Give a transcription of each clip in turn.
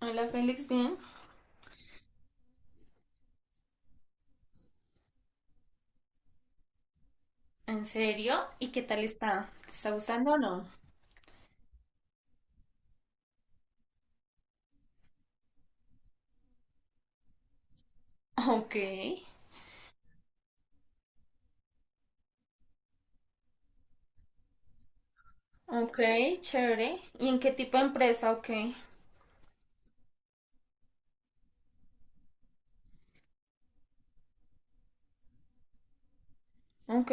Hola Félix, bien. ¿En serio? ¿Y qué tal está? ¿Te está gustando o no? Ok, ok, chévere. ¿Y en qué tipo de empresa? Ok, ok,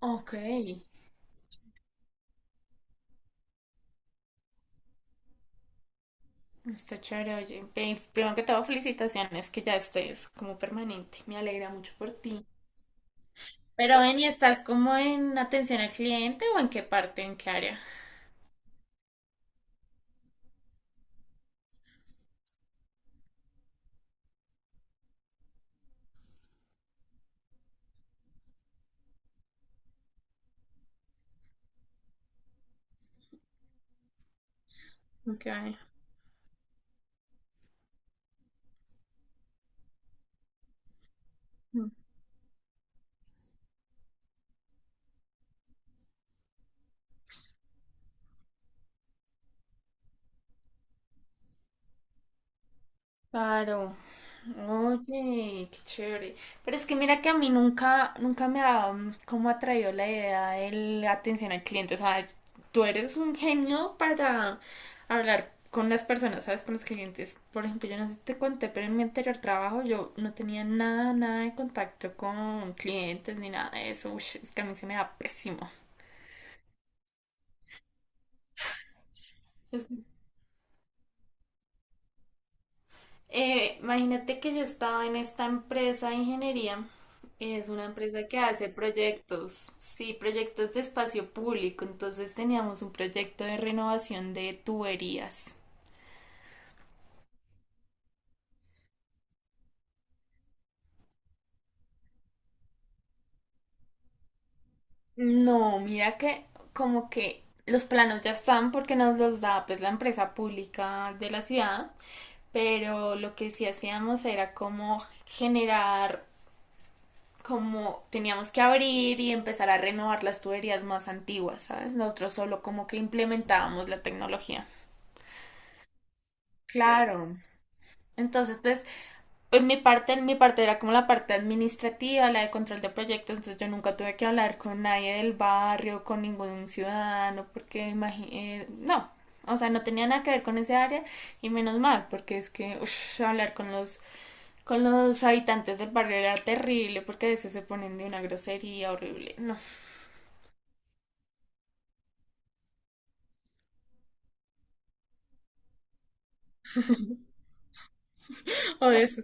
ok. Está chévere, oye. Primero que todo, felicitaciones que ya estés como permanente. Me alegra mucho por ti. Pero ven, ¿y estás como en atención al cliente o en qué parte, en qué área? Ok. mm, Claro. Oye, qué chévere. Pero es que mira que a mí nunca me ha como atraído la idea de la atención al cliente. O sea, tú eres un genio para hablar con las personas, ¿sabes? Con los clientes. Por ejemplo, yo no sé si te conté, pero en mi anterior trabajo yo no tenía nada de contacto con clientes ni nada de eso. Ush, es que a mí se me da pésimo. Imagínate que yo estaba en esta empresa de ingeniería. Es una empresa que hace proyectos, sí, proyectos de espacio público. Entonces teníamos un proyecto de renovación de tuberías. No, mira que como que los planos ya están porque nos los da pues la empresa pública de la ciudad, pero lo que sí hacíamos era como generar como teníamos que abrir y empezar a renovar las tuberías más antiguas, ¿sabes? Nosotros solo como que implementábamos la tecnología. Claro. Entonces, pues, en mi parte era como la parte administrativa, la de control de proyectos, entonces yo nunca tuve que hablar con nadie del barrio, con ningún ciudadano, porque imagínate, no, o sea, no tenía nada que ver con ese área, y menos mal, porque es que uff, hablar con los habitantes del barrio era terrible porque a veces se ponen de una grosería horrible. No. O eso.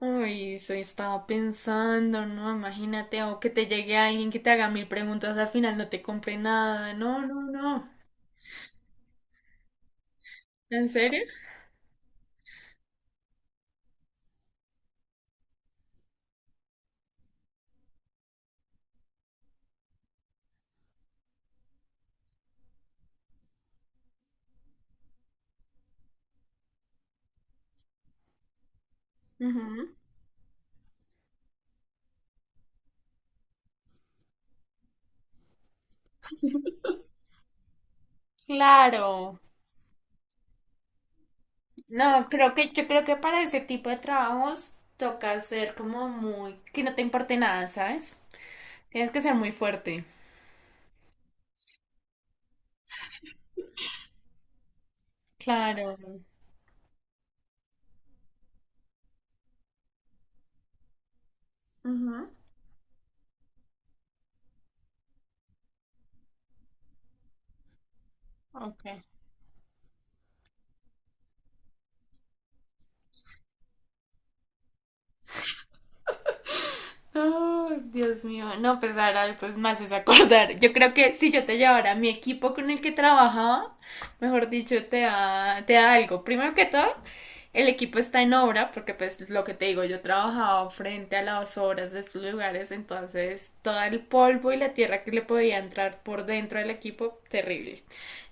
Uy, eso estaba pensando, ¿no? Imagínate, o que te llegue alguien que te haga mil preguntas, al final no te compre nada. No, no, no. ¿En serio? Ujú. Claro. No, creo que yo creo que para ese tipo de trabajos toca ser como muy, que no te importe nada, ¿sabes? Tienes que ser muy fuerte. Claro. Ujú. Ok. Oh, Dios mío, no, pues ahora pues más es acordar. Yo creo que si yo te llevara mi equipo con el que trabajaba, mejor dicho, te da algo. Primero que todo, el equipo está en obra, porque pues lo que te digo, yo trabajaba frente a las obras de estos lugares, entonces todo el polvo y la tierra que le podía entrar por dentro del equipo, terrible.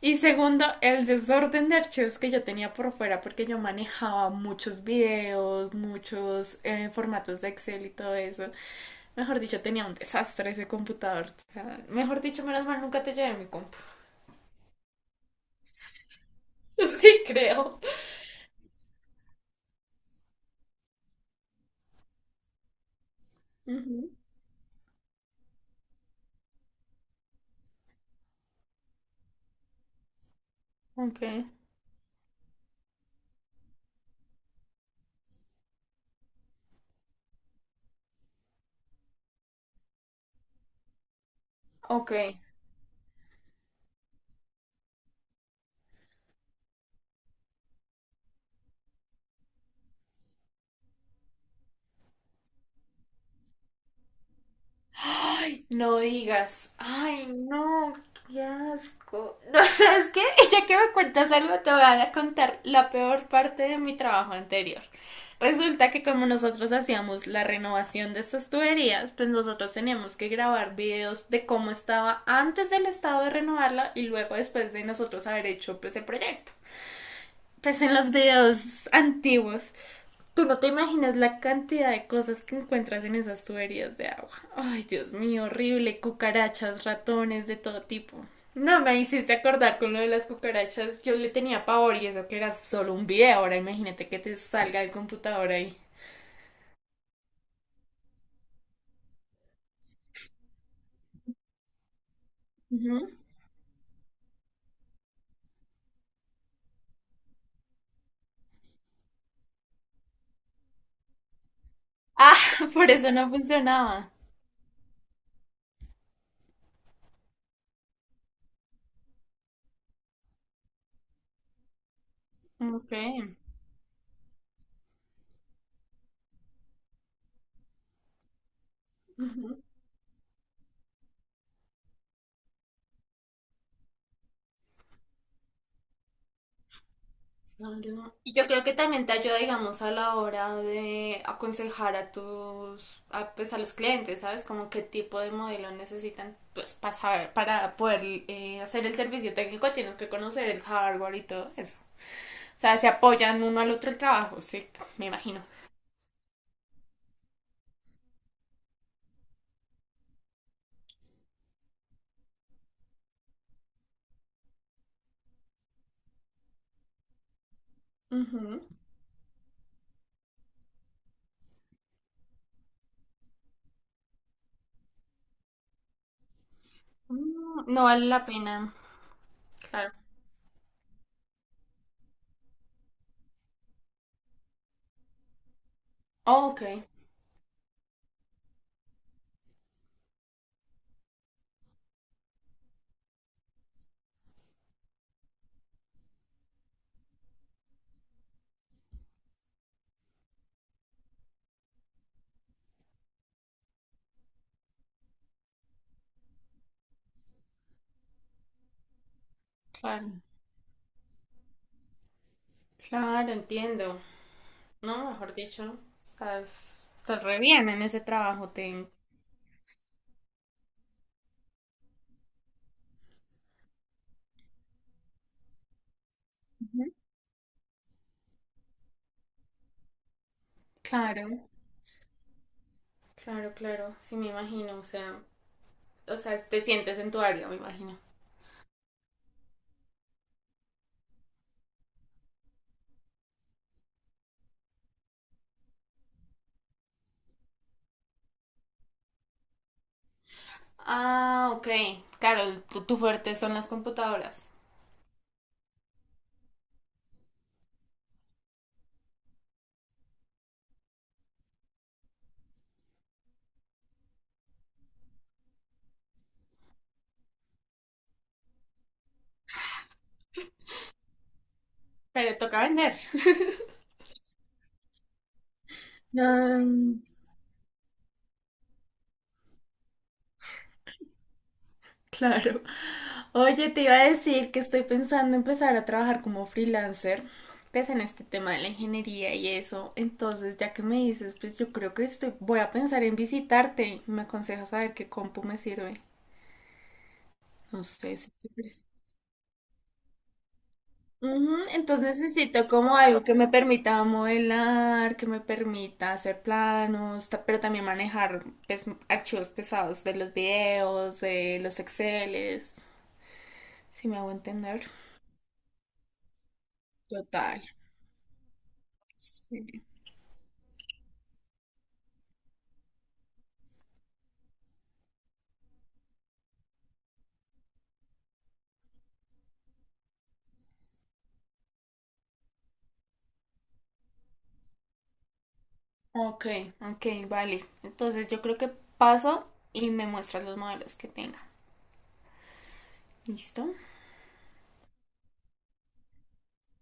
Y segundo, el desorden de archivos que yo tenía por fuera, porque yo manejaba muchos videos, muchos formatos de Excel y todo eso. Mejor dicho, tenía un desastre ese computador. O sea, mejor dicho, menos mal nunca te llevé mi compu. Sí, creo. Ujú. Ok. Ok. Ay, no digas. Ay, no, qué asco. No. ¿Sabes qué? Ya que me cuentas algo, te voy a contar la peor parte de mi trabajo anterior. Resulta que como nosotros hacíamos la renovación de estas tuberías, pues nosotros teníamos que grabar videos de cómo estaba antes del estado de renovarla y luego después de nosotros haber hecho pues el proyecto. Pues en los videos antiguos, tú no te imaginas la cantidad de cosas que encuentras en esas tuberías de agua. Ay, Dios mío, horrible. Cucarachas, ratones, de todo tipo. No me hiciste acordar con lo de las cucarachas. Yo le tenía pavor y eso que era solo un video. Ahora imagínate que te salga el computador ahí. Ujú. Ah, por eso no funcionaba. Ok. Claro. Y yo creo que también te ayuda, digamos, a la hora de aconsejar a tus, a, pues a los clientes, ¿sabes? Como qué tipo de modelo necesitan, pues para para poder hacer el servicio técnico tienes que conocer el hardware y todo eso. O sea, se apoyan uno al otro el trabajo, sí, me imagino. Ujú. Mm, no vale la pena, claro. Ok, claro, claro, entiendo. No, mejor dicho, estás re bien en ese trabajo, ten. Claro. Claro, claro, sí me imagino, o sea, te sientes en tu área, me imagino. Ah, ok, claro, tu, tu fuerte son las computadoras, pero toca vender. Mm, claro. Oye, te iba a decir que estoy pensando empezar a trabajar como freelancer. Pues en este tema de la ingeniería y eso, entonces ya que me dices, pues yo creo que estoy, voy a pensar en visitarte. ¿Me aconsejas saber qué compu me sirve? No sé si te parece. Ujú, entonces necesito como algo que me permita modelar, que me permita hacer planos, pero también manejar pues, archivos pesados de los videos, de los Exceles, si me hago entender. Total. Sí. Ok, ok, vale. Entonces yo creo que paso y me muestras los modelos que tenga. ¿Listo?